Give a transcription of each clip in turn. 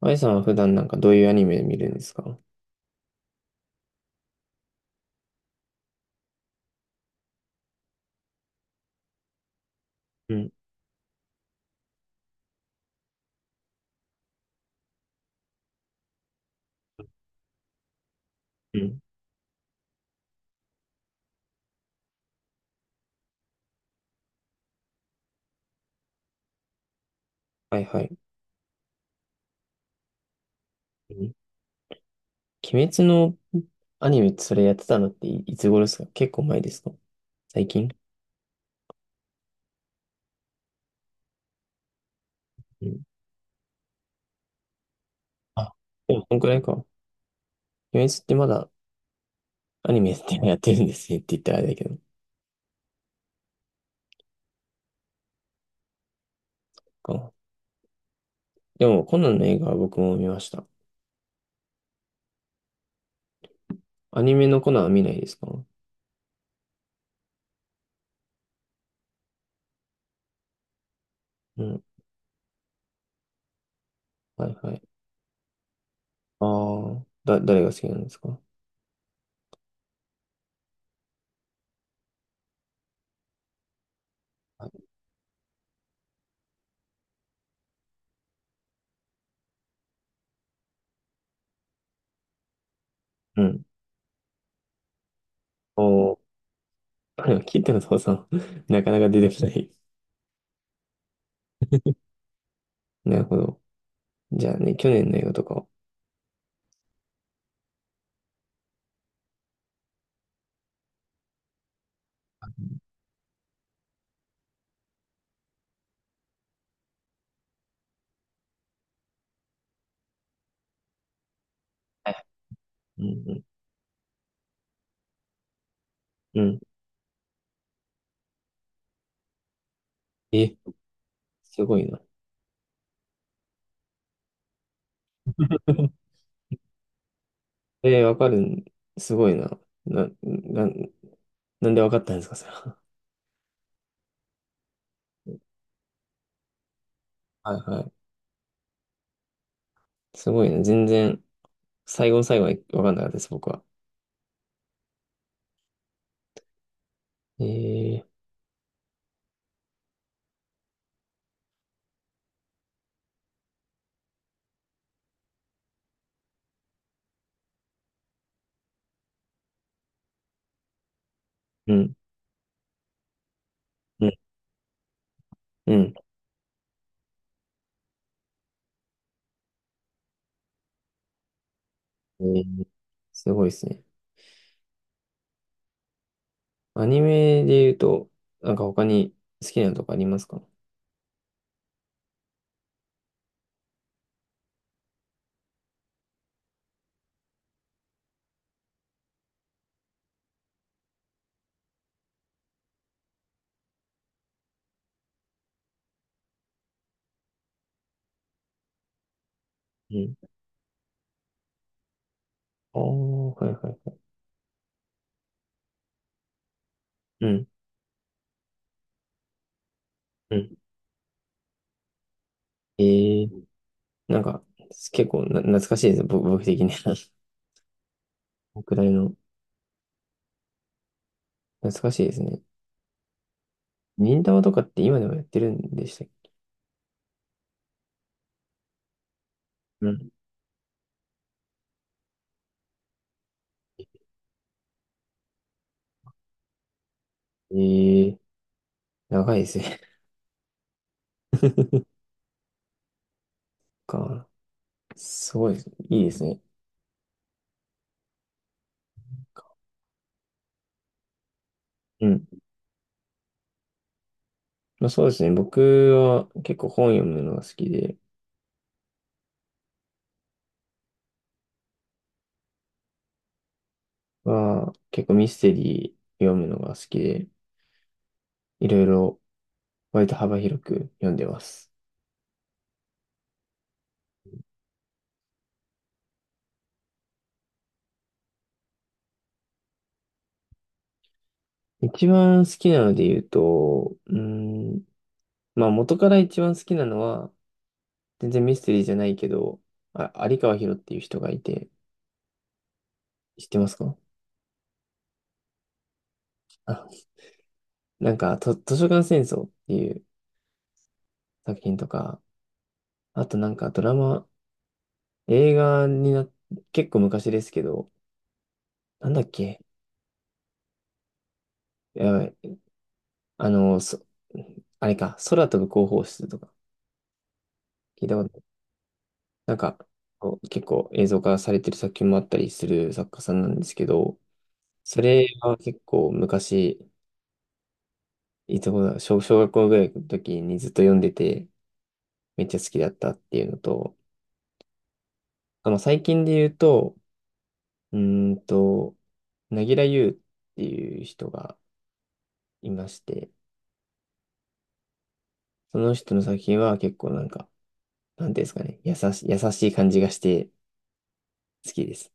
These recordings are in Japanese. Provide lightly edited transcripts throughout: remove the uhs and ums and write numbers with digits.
あいさんは普段どういうアニメ見るんですか？うん。うん。はいはい。うん。鬼滅のアニメってそれやってたのっていつ頃ですか？結構前ですか？最近？うん。あ、でもこんくらいか。鬼滅ってまだアニメってやってるんですねって言ったらあれだけど。かでもコナンの映画は僕も見ました。アニメのコナンは見ないですか？うん。はいはい。ああ、誰が好きなんですか？はい。うん。おお、でも聞いても父さん、なかなか出てこない。なるほど。じゃあね、去年の映画とか。はい。うん。うん。うん。え、すごいな。えー、わかるん、すごいな。な、な、なんでわかったんですか、それは。はいはい。すごいな。最後の最後はわかんなかったです、僕は。えー。うん。うん。うん。えー、すごいですね。アニメで言うと、なんか他に好きなのとかありますか？うん。ああ、はいはい。うん。うん。えー、なんか、結構な、懐かしいですね、僕的に。僕らの、懐かしいですね。忍たまとかって今でもやってるんでしたっけ？うん。ええ、長いですね。か。すごいです。いいですね。うん。まあ、そうですね。僕は結構本読むのが好きで。まあ、結構ミステリー読むのが好きで、いろいろ割と幅広く読んでます。一番好きなので言うと、まあ元から一番好きなのは、全然ミステリーじゃないけど、あ、有川博っていう人がいて、知ってますか？あ、図書館戦争っていう作品とか、あとなんかドラマ、映画にな、結構昔ですけど、なんだっけ、やばい。あの、そ、あれか、空飛ぶ広報室とか、聞いたことない、なんか、こう結構映像化されてる作品もあったりする作家さんなんですけど、それは結構昔、いつ頃だ、小、小学校ぐらいの時にずっと読んでて、めっちゃ好きだったっていうのと、あの、最近で言うと、うーんと、なぎらゆうっていう人がいまして、その人の作品は結構なんか、なんていうんですかね、優しい感じがして好きです。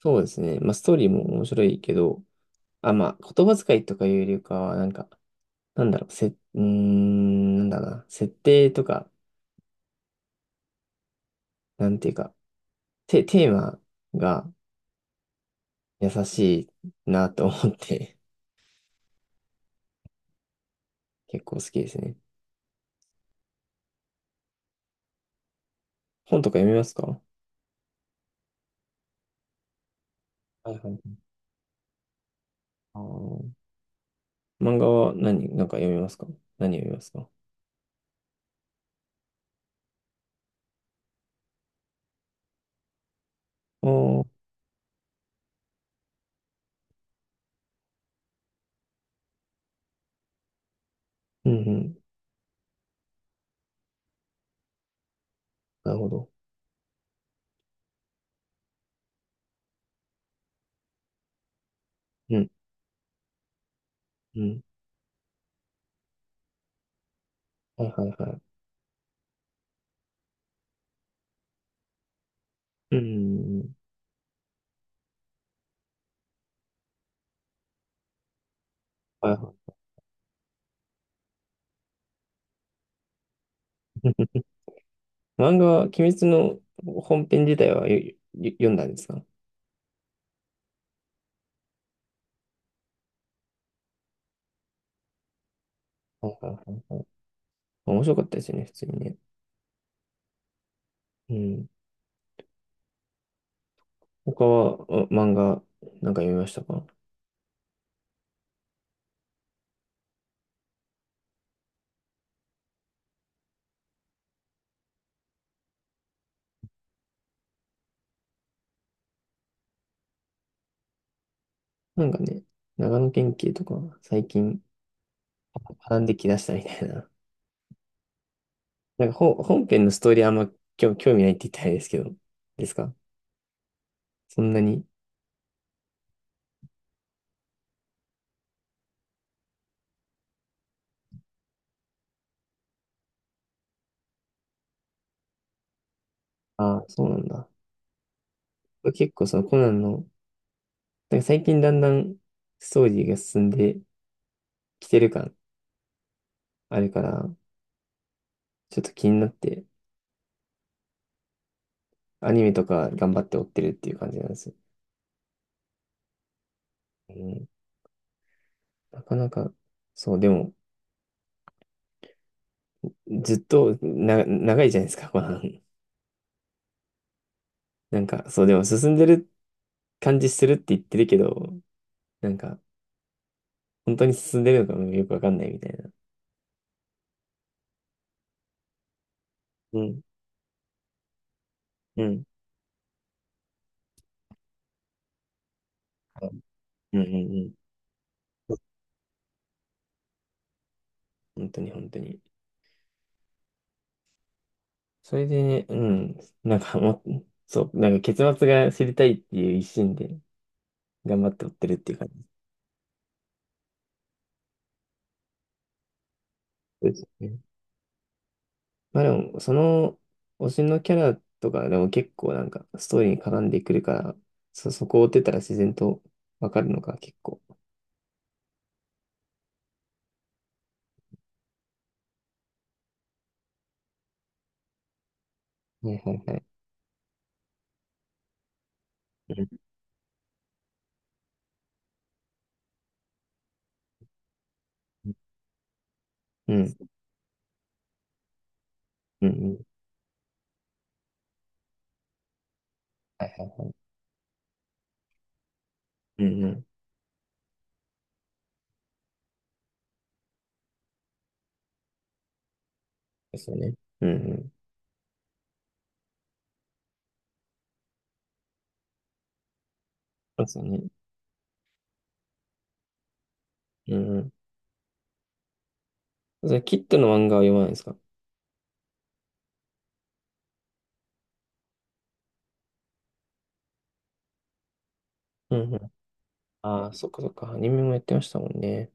そうですね。まあ、ストーリーも面白いけど、あ、まあ、言葉遣いとかいうよりかは、なんか、なんだろう、せ、うーん、なんだろうな、設定とか、なんていうか、テーマが優しいなと思って。結構好きですね。本とか読みますか？はいはい。あー、漫画はなんか読みますか？何読みますか？あ、あー。うんうん。なるほど。うん。うん。はいはいはい。うん。はいはい。漫画は、鬼滅の本編自体はよ読んだんですか？はいはいはいはい。面白かったですよね、普通にね。うん。他は、あ漫画、なんか読みましたか？なんかね、長野県警とか、最近、学んできだしたみたいな。なんか本編のストーリーあんま興味ないって言ったらあれですけど、ですか、そんなに。ああ、そうなんだ。結構そのコナンの、なんか最近だんだんストーリーが進んできてる感あるから、ちょっと気になって、アニメとか頑張って追ってるっていう感じなんですよ。うん、なかなか、そう、でも、ずっとな、長いじゃないですか、コナン。なんか、そう、でも進んでる感じするって言ってるけど、なんか、本当に進んでるのかもよくわかんないみたいな。うん。うん。うん。うん。うん。本当に本当に。それでね、うん、なんかもう、そう、なんか結末が知りたいっていう一心で頑張って追ってるっていう感じですね。まあでも、その推しのキャラとかでも結構なんかストーリーに絡んでくるから、そこを追ってたら自然とわかるのが結構。はいはいはい。うん。うん。うん。うん。はいはい。うんうん。ですよね。うんうん。そうですよね。うんうん。それキッドの漫画は読まないですか？うんうん。ああ、そっかそっか。アニメもやってましたもんね。